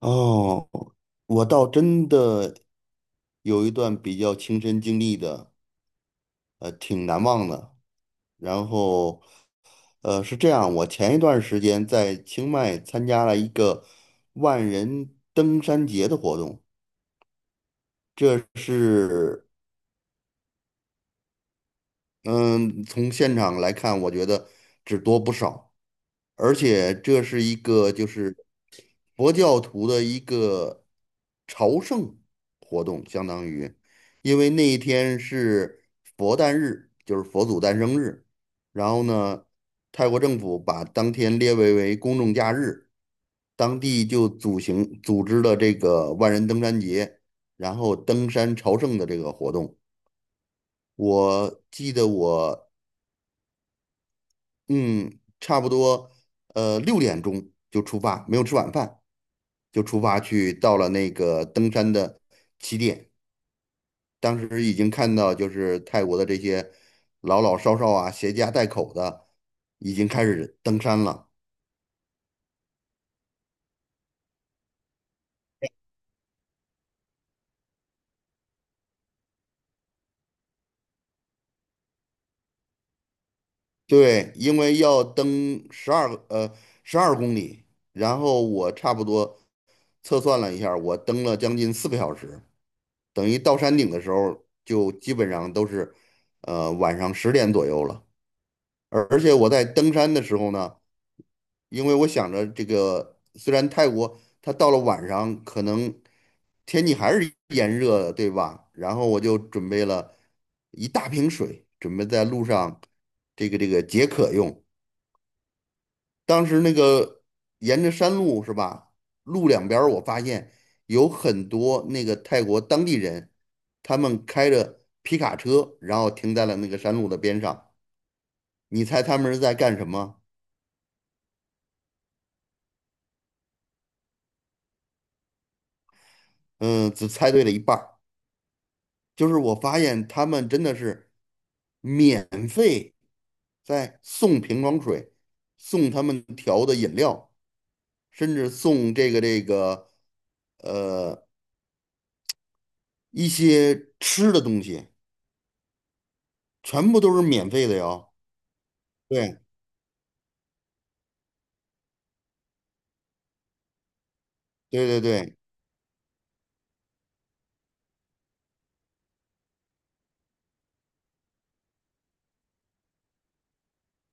哦，我倒真的有一段比较亲身经历的，挺难忘的。然后，是这样，我前一段时间在清迈参加了一个万人登山节的活动，这是，嗯，从现场来看，我觉得只多不少。而且这是一个就是佛教徒的一个朝圣活动，相当于，因为那一天是佛诞日，就是佛祖诞生日。然后呢，泰国政府把当天列为公众假日，当地就组织了这个万人登山节，然后登山朝圣的这个活动。我记得我嗯，差不多，6点钟就出发，没有吃晚饭，就出发去到了那个登山的起点。当时已经看到，就是泰国的这些老老少少啊，携家带口的，已经开始登山了。对，因为要登12公里，然后我差不多测算了一下儿我登了将近4个小时，等于到山顶的时候就基本上都是晚上10点左右了。而且我在登山的时候呢，因为我想着这个，虽然泰国它到了晚上可能天气还是炎热的，对吧？然后我就准备了一大瓶水，准备在路上这个解渴用。当时那个沿着山路是吧，路两边儿我发现有很多那个泰国当地人，他们开着皮卡车，然后停在了那个山路的边上。你猜他们是在干什么？嗯，只猜对了一半儿。就是我发现他们真的是免费在送瓶装水，送他们调的饮料，甚至送呃一些吃的东西，全部都是免费的哟。对对对对，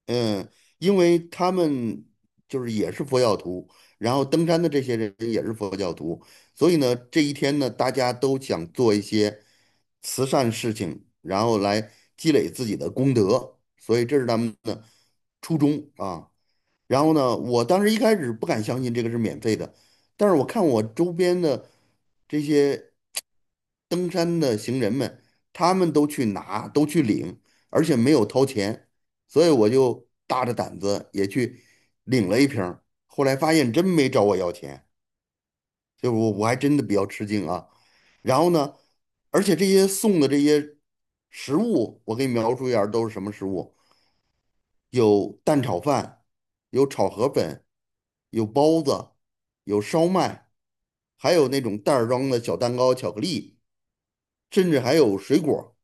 嗯，因为他们就是也是佛教徒，然后登山的这些人也是佛教徒，所以呢，这一天呢，大家都想做一些慈善事情，然后来积累自己的功德，所以这是他们的初衷啊。然后呢，我当时一开始不敢相信这个是免费的，但是我看我周边的这些。登山的行人们，他们都去拿，都去领，而且没有掏钱，所以我就大着胆子也去领了一瓶儿后来发现真没找我要钱，就以我还真的比较吃惊啊。然后呢，而且这些送的这些食物，我给你描述一下儿都是什么食物：有蛋炒饭，有炒河粉，有包子，有烧麦，还有那种袋儿装的小蛋糕、巧克力，甚至还有水果。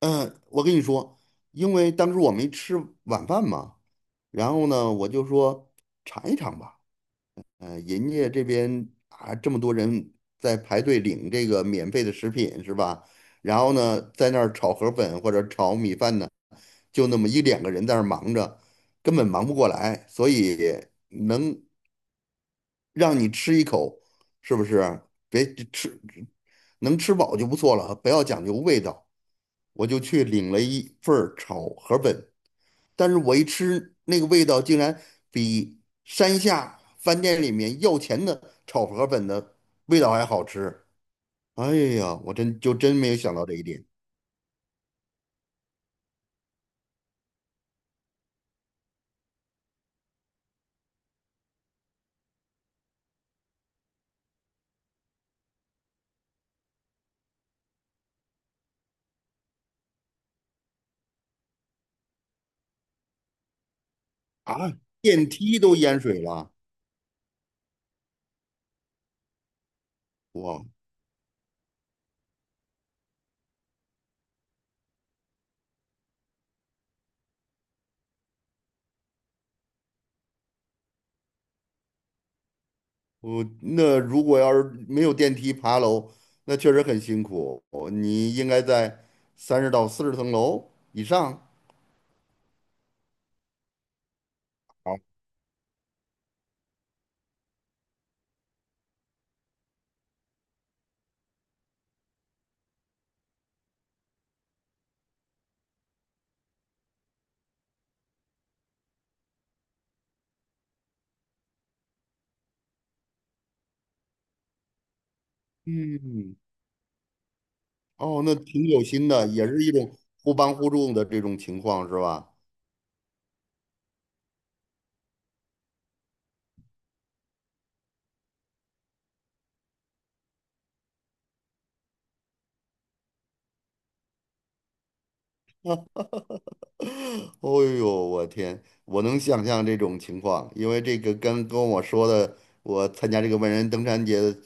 嗯，我跟你说，因为当时我没吃晚饭嘛，然后呢，我就说尝一尝吧。人家这边啊，这么多人在排队领这个免费的食品是吧？然后呢，在那儿炒河粉或者炒米饭呢，就那么一两个人在那儿忙着，根本忙不过来，所以能让你吃一口，是不是？别吃，能吃饱就不错了，不要讲究味道。我就去领了一份儿炒河粉，但是我一吃那个味道竟然比山下饭店里面要钱的炒河粉的味道还好吃。哎呀，我真就真没有想到这一点啊！电梯都淹水了，哇！如果要是没有电梯爬楼，那确实很辛苦。哦你应该在30到40层楼以上。好，嗯，哦，那挺有心的，也是一种互帮互助的这种情况，是吧？哦呦，我天，我能想象这种情况，因为这个跟我说的，我参加这个万人登山节的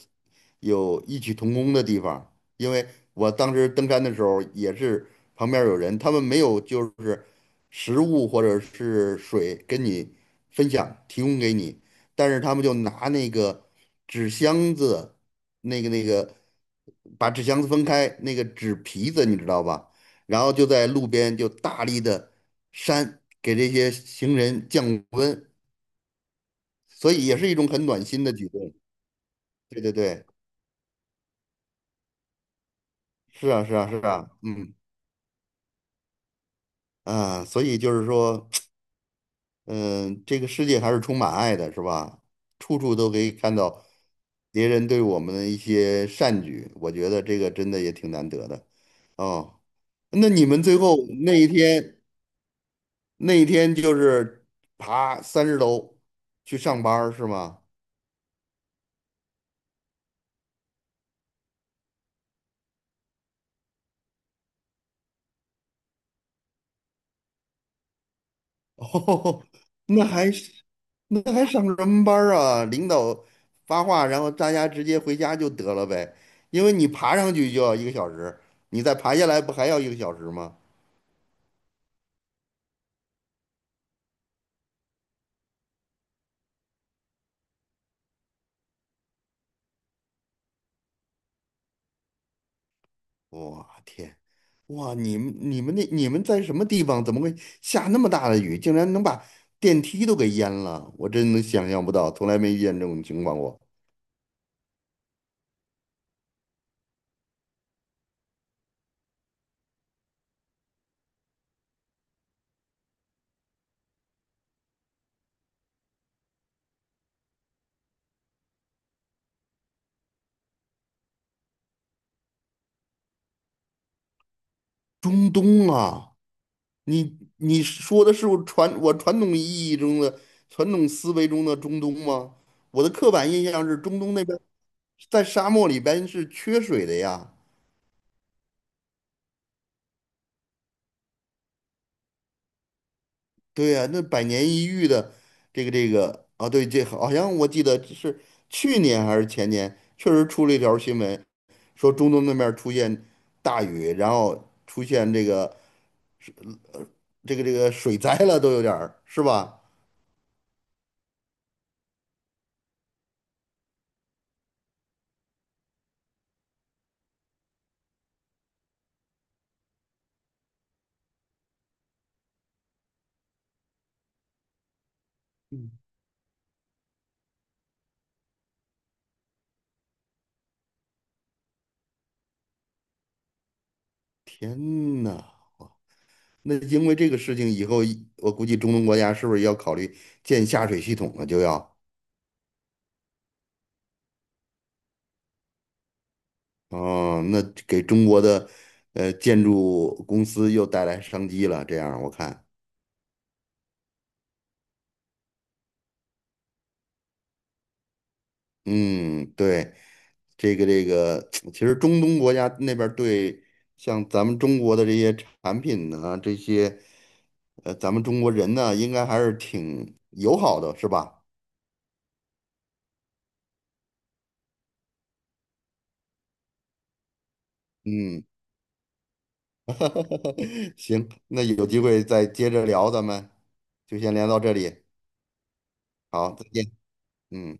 有异曲同工的地方，因为我当时登山的时候也是旁边有人，他们没有就是食物或者是水跟你分享提供给你，但是他们就拿那个纸箱子，那个把纸箱子分开，那个纸皮子你知道吧？然后就在路边就大力的扇，给这些行人降温，所以也是一种很暖心的举动。对对对，是啊是啊是啊，所以就是说，嗯、这个世界还是充满爱的，是吧？处处都可以看到别人对我们的一些善举，我觉得这个真的也挺难得的。哦，那你们最后那一天，那一天就是爬30楼去上班儿是吗？哦，那还是那还上什么班儿啊？领导发话，然后大家直接回家就得了呗。因为你爬上去就要一个小时，你再爬下来不还要一个小时吗？我天，哇你们在什么地方？怎么会下那么大的雨，竟然能把电梯都给淹了？我真的想象不到，从来没遇见这种情况过。中东啊，你说的是我传统思维中的中东吗？我的刻板印象是中东那边在沙漠里边是缺水的呀。对呀，那百年一遇的这个啊，对，这好像我记得是去年还是前年，确实出了一条新闻，说中东那边儿出现大雨，然后出现这个水灾了，都有点儿是吧？天呐，那因为这个事情以后，我估计中东国家是不是要考虑建下水系统了？哦，那给中国的建筑公司又带来商机了。这样我看，嗯，对，其实中东国家那边儿对像咱们中国的这些产品呢，这些咱们中国人呢，应该还是挺友好的，是吧？嗯，行，那有机会再接着聊，咱们就先聊到这里。好，再见，嗯。